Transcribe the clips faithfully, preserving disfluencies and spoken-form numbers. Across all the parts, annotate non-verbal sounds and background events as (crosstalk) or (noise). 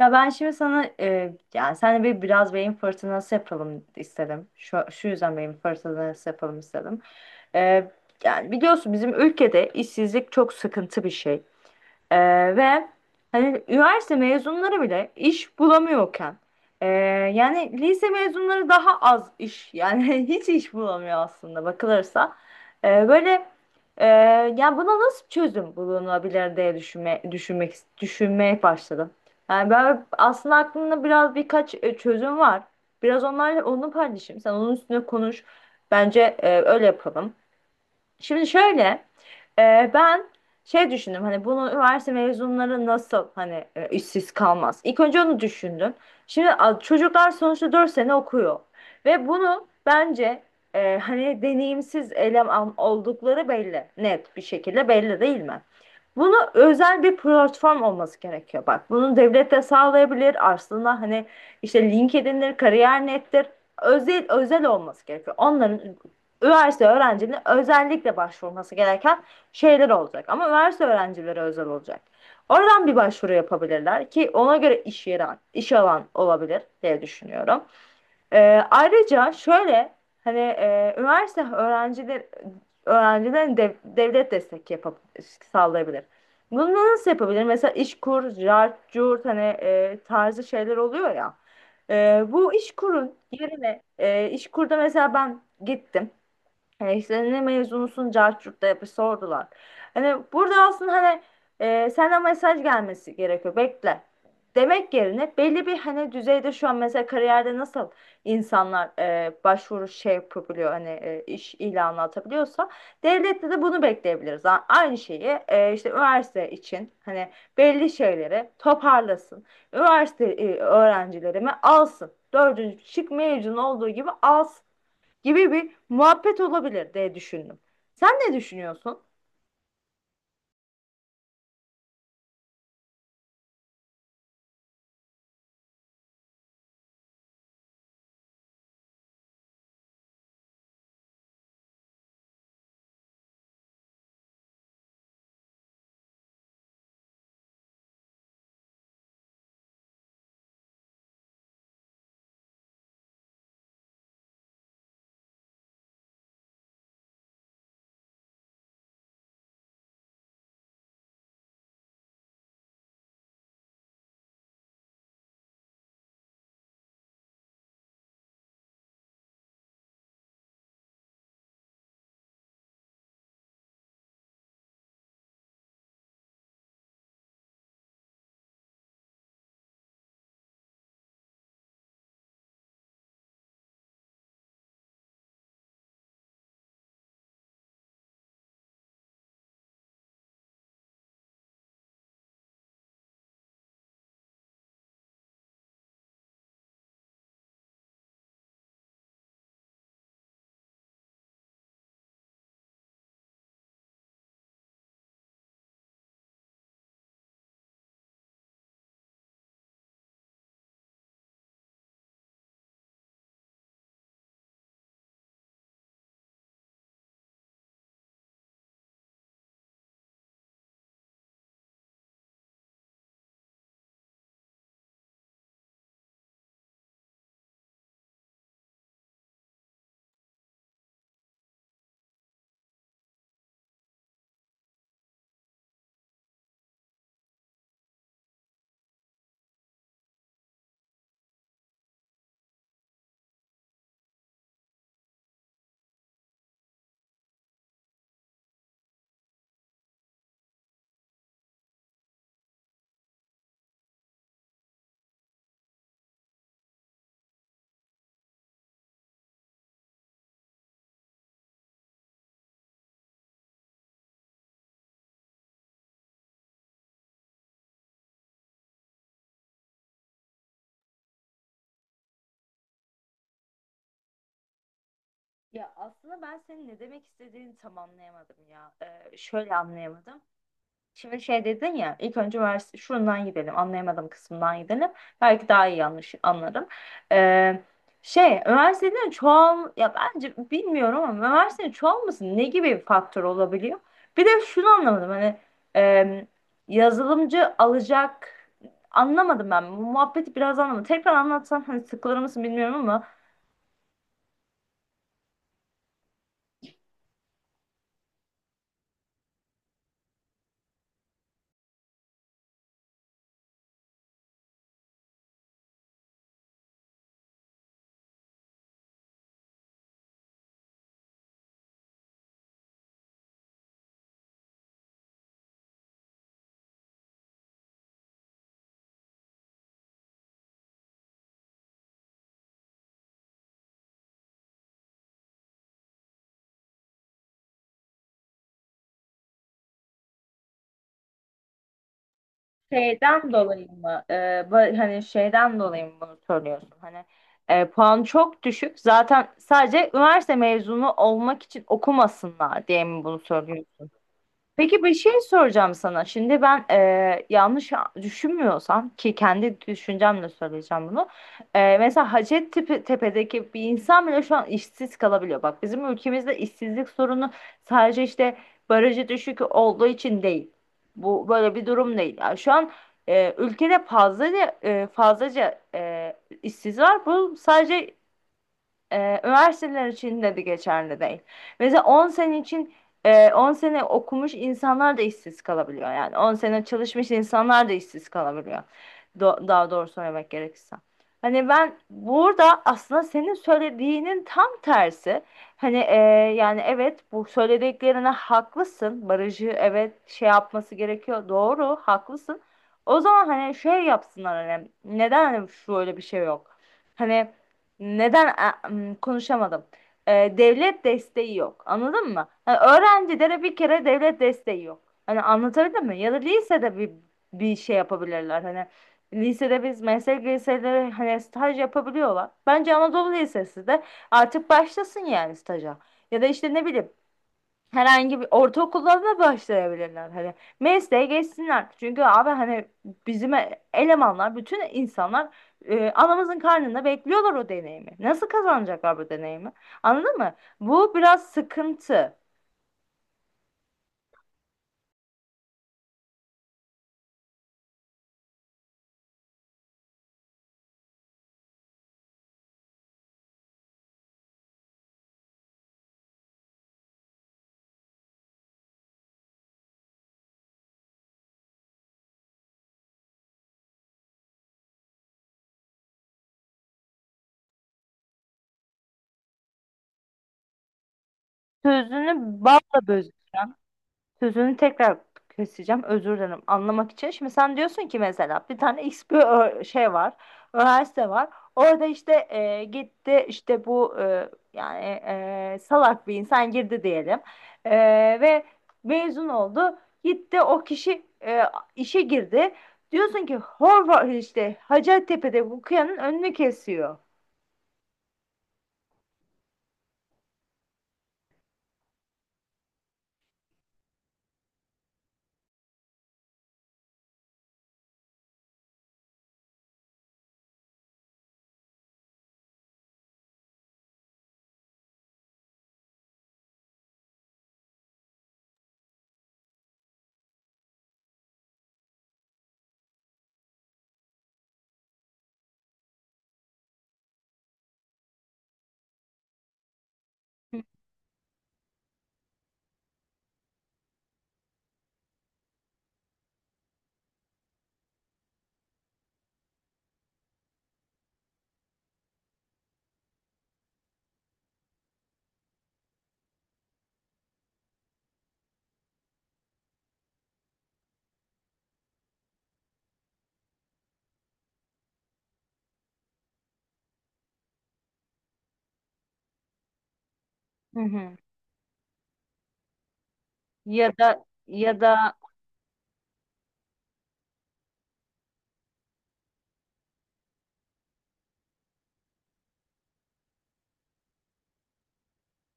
Ya ben şimdi sana e, yani sen bir biraz beyin fırtınası yapalım istedim. Şu, şu yüzden beyin fırtınası yapalım istedim. E, yani biliyorsun bizim ülkede işsizlik çok sıkıntı bir şey. Ee, ve hani üniversite mezunları bile iş bulamıyorken ee, yani lise mezunları daha az iş yani (laughs) hiç iş bulamıyor aslında bakılırsa. Ee, böyle ee, yani buna nasıl çözüm bulunabilir diye düşünme, düşünmek düşünmeye başladım. Yani ben aslında aklımda biraz birkaç e, çözüm var. Biraz onlarla onu paylaşayım. Sen onun üstüne konuş. Bence e, öyle yapalım. Şimdi şöyle e, ben şey düşündüm hani bunu üniversite mezunları nasıl hani e, işsiz kalmaz. İlk önce onu düşündüm. Şimdi a- çocuklar sonuçta dört sene okuyor ve bunu bence e, hani deneyimsiz eleman oldukları belli. Net bir şekilde belli değil mi? Bunu özel bir platform olması gerekiyor. Bak bunu devlet de sağlayabilir. Aslında hani işte LinkedIn'dir, kariyer nettir. Özel özel olması gerekiyor. Onların üniversite öğrencinin özellikle başvurması gereken şeyler olacak. Ama üniversite öğrencilere özel olacak. Oradan bir başvuru yapabilirler ki ona göre iş yeri, iş alan olabilir diye düşünüyorum. Ee, ayrıca şöyle hani e, üniversite öğrenciler öğrencilerin dev- devlet destek yapıp sağlayabilir. Bunu nasıl yapabilir? Mesela İşkur, J A R T, C U R T hani e, tarzı şeyler oluyor ya. E, bu İşkur'un yerine e, İşkur'da mesela ben gittim. Yani işte ne mezunusun cahçurt da yapı sordular. Hani burada aslında hani e, senden mesaj gelmesi gerekiyor. Bekle. Demek yerine belli bir hani düzeyde şu an mesela kariyerde nasıl insanlar e, başvuru şey yapabiliyor hani e, iş ilanı atabiliyorsa devlette de bunu bekleyebiliriz. A- Aynı şeyi e, işte üniversite için hani belli şeyleri toparlasın. Üniversite e, öğrencilerimi alsın. Dördüncü şık mezun olduğu gibi alsın gibi bir muhabbet olabilir diye düşündüm. Sen ne düşünüyorsun? Ya aslında ben senin ne demek istediğini tam anlayamadım ya. Ee, şöyle anlayamadım. Şimdi şey dedin ya ilk önce vers şundan gidelim anlayamadığım kısmından gidelim. Belki daha iyi yanlış anlarım. Ee, şey üniversitenin çoğal ya bence bilmiyorum ama üniversitenin çoğalması ne gibi bir faktör olabiliyor? Bir de şunu anlamadım hani e, yazılımcı alacak anlamadım ben bu muhabbeti biraz anlamadım. Tekrar anlatsan hani sıkılır mısın bilmiyorum ama şeyden dolayı mı? E, ba- hani şeyden dolayı mı bunu söylüyorsun? Hani e, puan çok düşük. Zaten sadece üniversite mezunu olmak için okumasınlar diye mi bunu söylüyorsun? Peki bir şey soracağım sana. Şimdi ben e, yanlış düşünmüyorsam ki kendi düşüncemle söyleyeceğim bunu. E, mesela Hacettepe'deki bir insan bile şu an işsiz kalabiliyor. Bak bizim ülkemizde işsizlik sorunu sadece işte barajı düşük olduğu için değil. Bu böyle bir durum değil. Yani şu an e, ülkede fazlaca e, fazlaca e, işsiz var. Bu sadece e, üniversiteler için de de geçerli değil. Mesela on sene için e, on sene okumuş insanlar da işsiz kalabiliyor. Yani on sene çalışmış insanlar da işsiz kalabiliyor. Do- daha doğru söylemek gerekirse. Hani ben burada aslında senin söylediğinin tam tersi. Hani e, yani evet bu söylediklerine haklısın. Barajı evet şey yapması gerekiyor. Doğru haklısın. O zaman hani şey yapsınlar hani neden hani şöyle bir şey yok? Hani neden a- m, konuşamadım? Ee, devlet desteği yok. Anladın mı? Hani öğrencilere bir kere devlet desteği yok. Hani anlatabildim mi? Ya da lisede bir bir şey yapabilirler. Hani lisede biz meslek liseleri hani staj yapabiliyorlar. Bence Anadolu Lisesi de artık başlasın yani staja. Ya da işte ne bileyim herhangi bir ortaokulda da başlayabilirler hani mesleğe geçsinler çünkü abi hani bizim e- elemanlar bütün insanlar e, anamızın karnında bekliyorlar o deneyimi nasıl kazanacaklar bu deneyimi anladın mı bu biraz sıkıntı sözünü balla böz. Sözünü tekrar keseceğim. Özür dilerim. Anlamak için. Şimdi sen diyorsun ki mesela bir tane X bir ö- şey var. Üniversite var. Orada işte e, gitti işte bu e, yani e, salak bir insan girdi diyelim. E, ve mezun oldu. Gitti o kişi e, işe girdi. Diyorsun ki Horvath işte Hacettepe'de bu kıyanın önünü kesiyor. Hı hı. Ya da ya da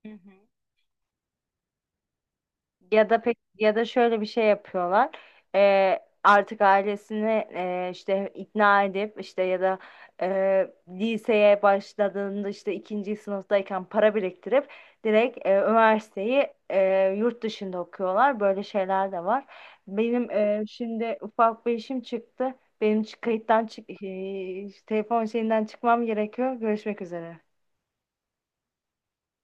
Hı hı. Ya da pek ya da şöyle bir şey yapıyorlar. Ee, artık ailesini e, işte ikna edip işte ya da e, liseye başladığında işte ikinci sınıftayken para biriktirip direkt e, üniversiteyi e, yurt dışında okuyorlar. Böyle şeyler de var. Benim e, şimdi ufak bir işim çıktı. Benim çık- kayıttan çık e, telefon şeyinden çıkmam gerekiyor. Görüşmek üzere.